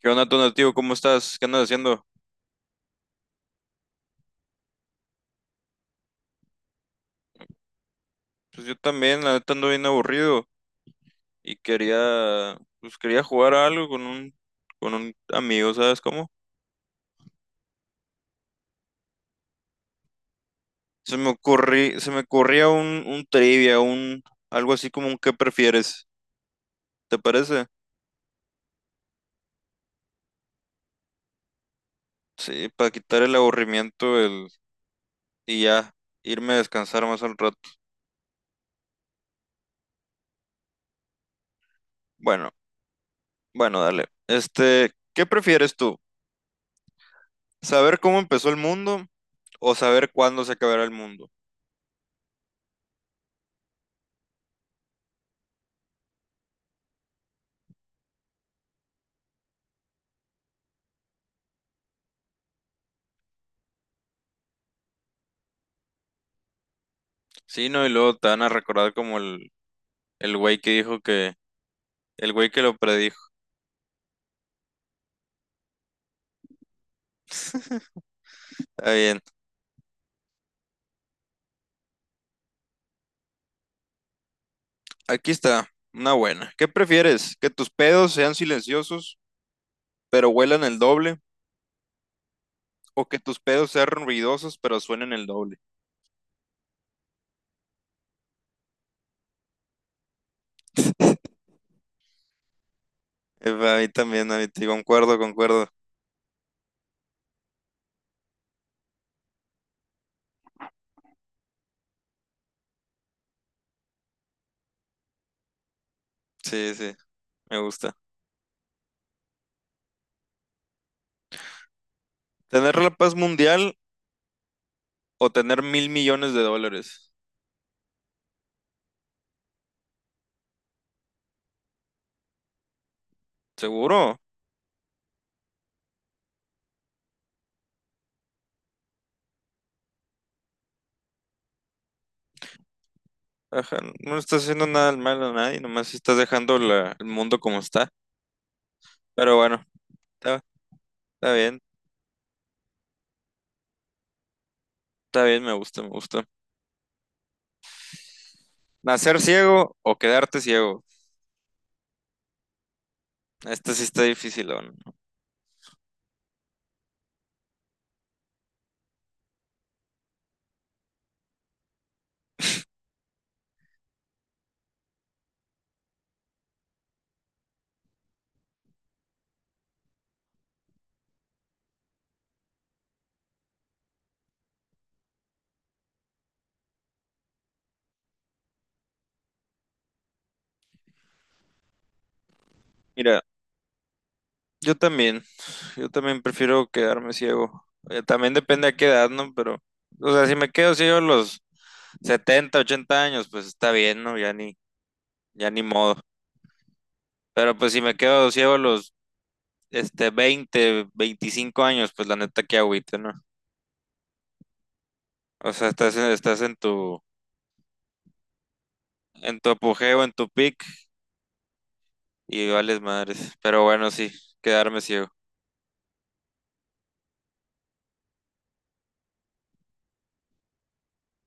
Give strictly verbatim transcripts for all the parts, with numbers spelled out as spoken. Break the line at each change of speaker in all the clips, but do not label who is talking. ¿Qué onda, Tonativo? ¿Cómo estás? ¿Qué andas haciendo? Pues yo también, la neta ando bien aburrido y quería, pues quería jugar a algo con un, con un amigo, ¿sabes cómo? Se me ocurrí, se me ocurría un, un trivia, un, algo así como un ¿qué prefieres? ¿Te parece? Sí, para quitar el aburrimiento el, y ya, irme a descansar más al rato. Bueno, bueno, dale. Este, ¿qué prefieres tú? ¿Saber cómo empezó el mundo o saber cuándo se acabará el mundo? Sí, no, y luego te van a recordar como el, El güey que dijo que... El güey que lo predijo. Está bien. Aquí está. Una buena. ¿Qué prefieres? ¿Que tus pedos sean silenciosos, pero huelan el doble? ¿O que tus pedos sean ruidosos, pero suenen el doble? Eh, A mí también, a mí te concuerdo, concuerdo. Sí, sí, me gusta. ¿Tener la paz mundial o tener mil millones de dólares? ¿Seguro? Ajá, no estás haciendo nada malo a nadie, nomás estás dejando la- el mundo como está. Pero bueno, está, está bien, está bien, me gusta, me gusta. ¿Nacer ciego o quedarte ciego? Esta sí está difícil, ¿no? Mira, yo también, yo también prefiero quedarme ciego. Eh, También depende a qué edad, ¿no? Pero, o sea, si me quedo ciego a los setenta, ochenta años, pues está bien, ¿no? Ya ni, ya ni modo. Pero pues si me quedo ciego a los, este, veinte, veinticinco años, pues la neta que agüite, ¿no? O sea, estás, en- estás en tu, en tu apogeo, en tu peak y vales madres. Pero bueno, sí, quedarme ciego.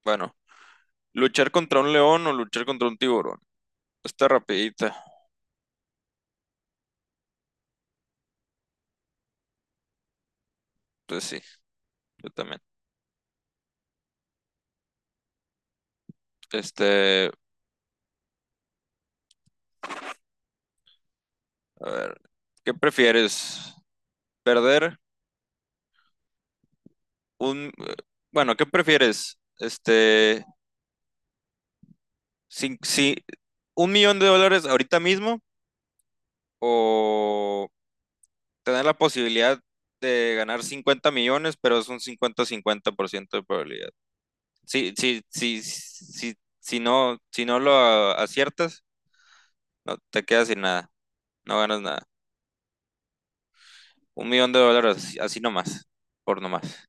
Bueno, luchar contra un león o luchar contra un tiburón. Está rapidita. Pues sí, yo también. Este, a ver, ¿qué prefieres? ¿Perder un... Bueno, ¿qué prefieres? Este, si, si- un millón de dólares ahorita mismo o tener la posibilidad de ganar cincuenta millones, pero es un cincuenta cincuenta por ciento de probabilidad. si si si si si no, si no lo aciertas, no te quedas sin nada, no ganas nada. Un millón de dólares, así así nomás, por nomás.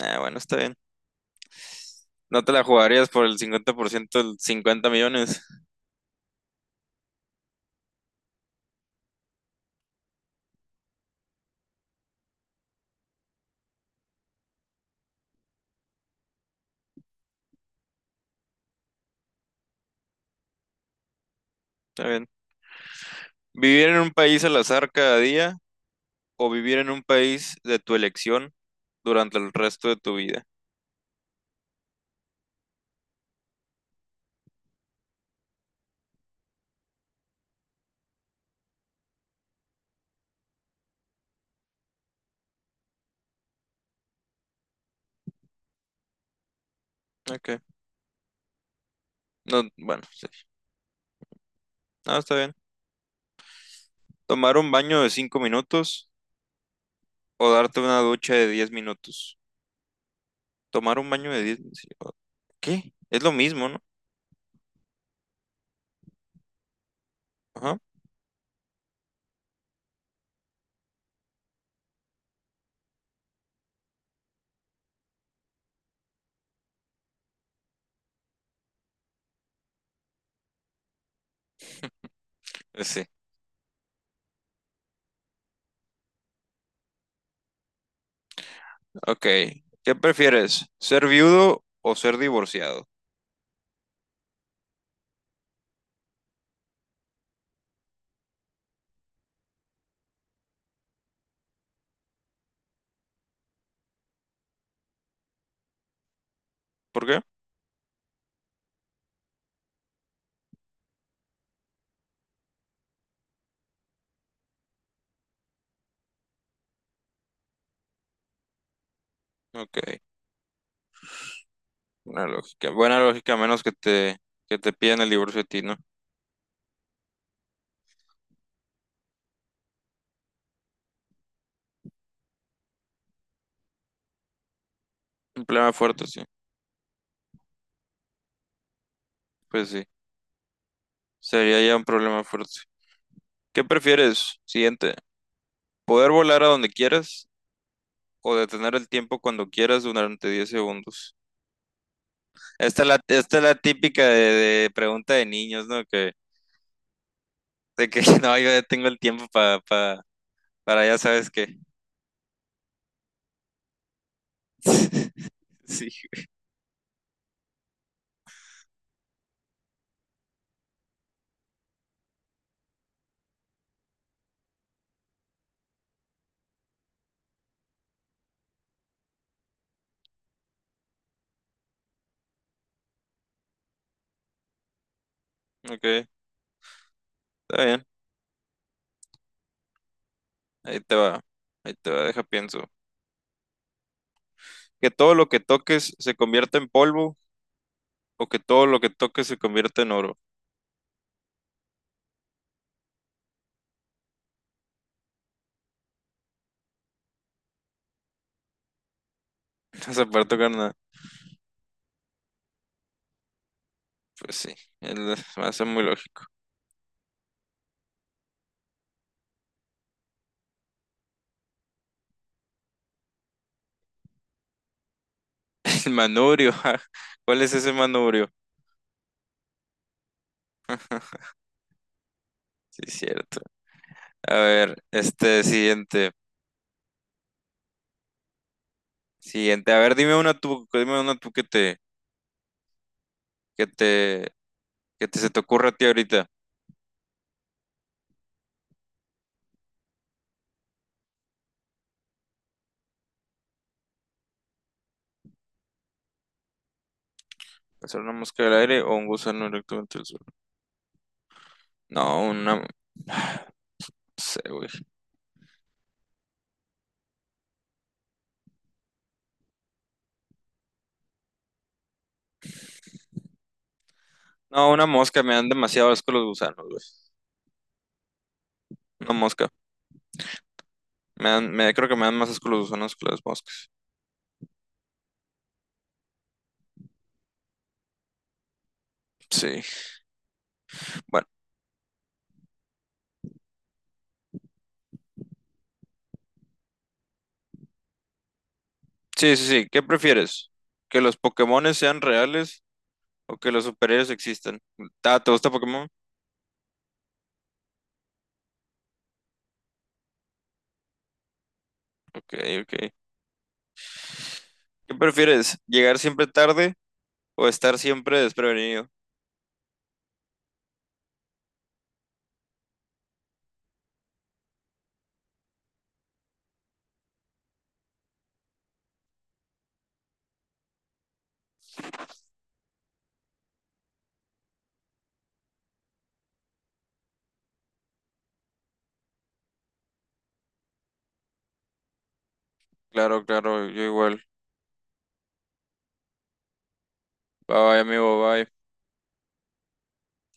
Ah, bueno, está bien. No te la jugarías por el cincuenta por ciento el cincuenta millones. Está bien. Vivir en un país al azar cada día o vivir en un país de tu elección durante el resto de tu vida. Ok. No, bueno, sí. No, está bien. Tomar un baño de cinco minutos o darte una ducha de diez minutos. Tomar un baño de diez minutos. Sí. ¿Qué? Es lo mismo, ¿no? Ajá. Eh, Sí. Ok. ¿Qué prefieres? ¿Ser viudo o ser divorciado? ¿Por qué? Ok. Una lógica, buena lógica, a menos que te, que te pidan el divorcio a ti, ¿no? Un problema fuerte, sí. Pues sí, sería ya un problema fuerte. ¿Qué prefieres? Siguiente. ¿Poder volar a donde quieras o detener el tiempo cuando quieras durante diez segundos? Esta es la, esta es la típica de, de pregunta de niños, ¿no? Que, de que no, yo ya tengo el tiempo pa, pa- para ya sabes qué. Sí, ok, está bien. Ahí te va. Ahí te va, deja pienso. Que todo lo que toques se convierta en polvo o que todo lo que toque se convierta en oro. No se puede tocar nada. Pues sí, el- me hace muy lógico. El manubrio, ja. ¿Cuál es ese manubrio? Sí, cierto. A ver, este siguiente. Siguiente. A ver, dime una tú, dime una tú que te, que te, que te se te ocurra a ti ahorita. ¿Pasar una mosca del aire o un gusano directamente del suelo? No, una, no sé, güey. No, una mosca, me dan demasiado asco los gusanos, güey. Una mosca. Me dan, me, creo que me dan más asco los gusanos que las moscas. Sí. Bueno. Sí, sí, sí. ¿Qué prefieres? ¿Que los Pokémones sean reales o que los superhéroes existan? Ah, ¿te gusta Pokémon? Ok, ok. ¿Qué prefieres? ¿Llegar siempre tarde o estar siempre desprevenido? Claro, claro, yo igual. Bye, bye, amigo, bye.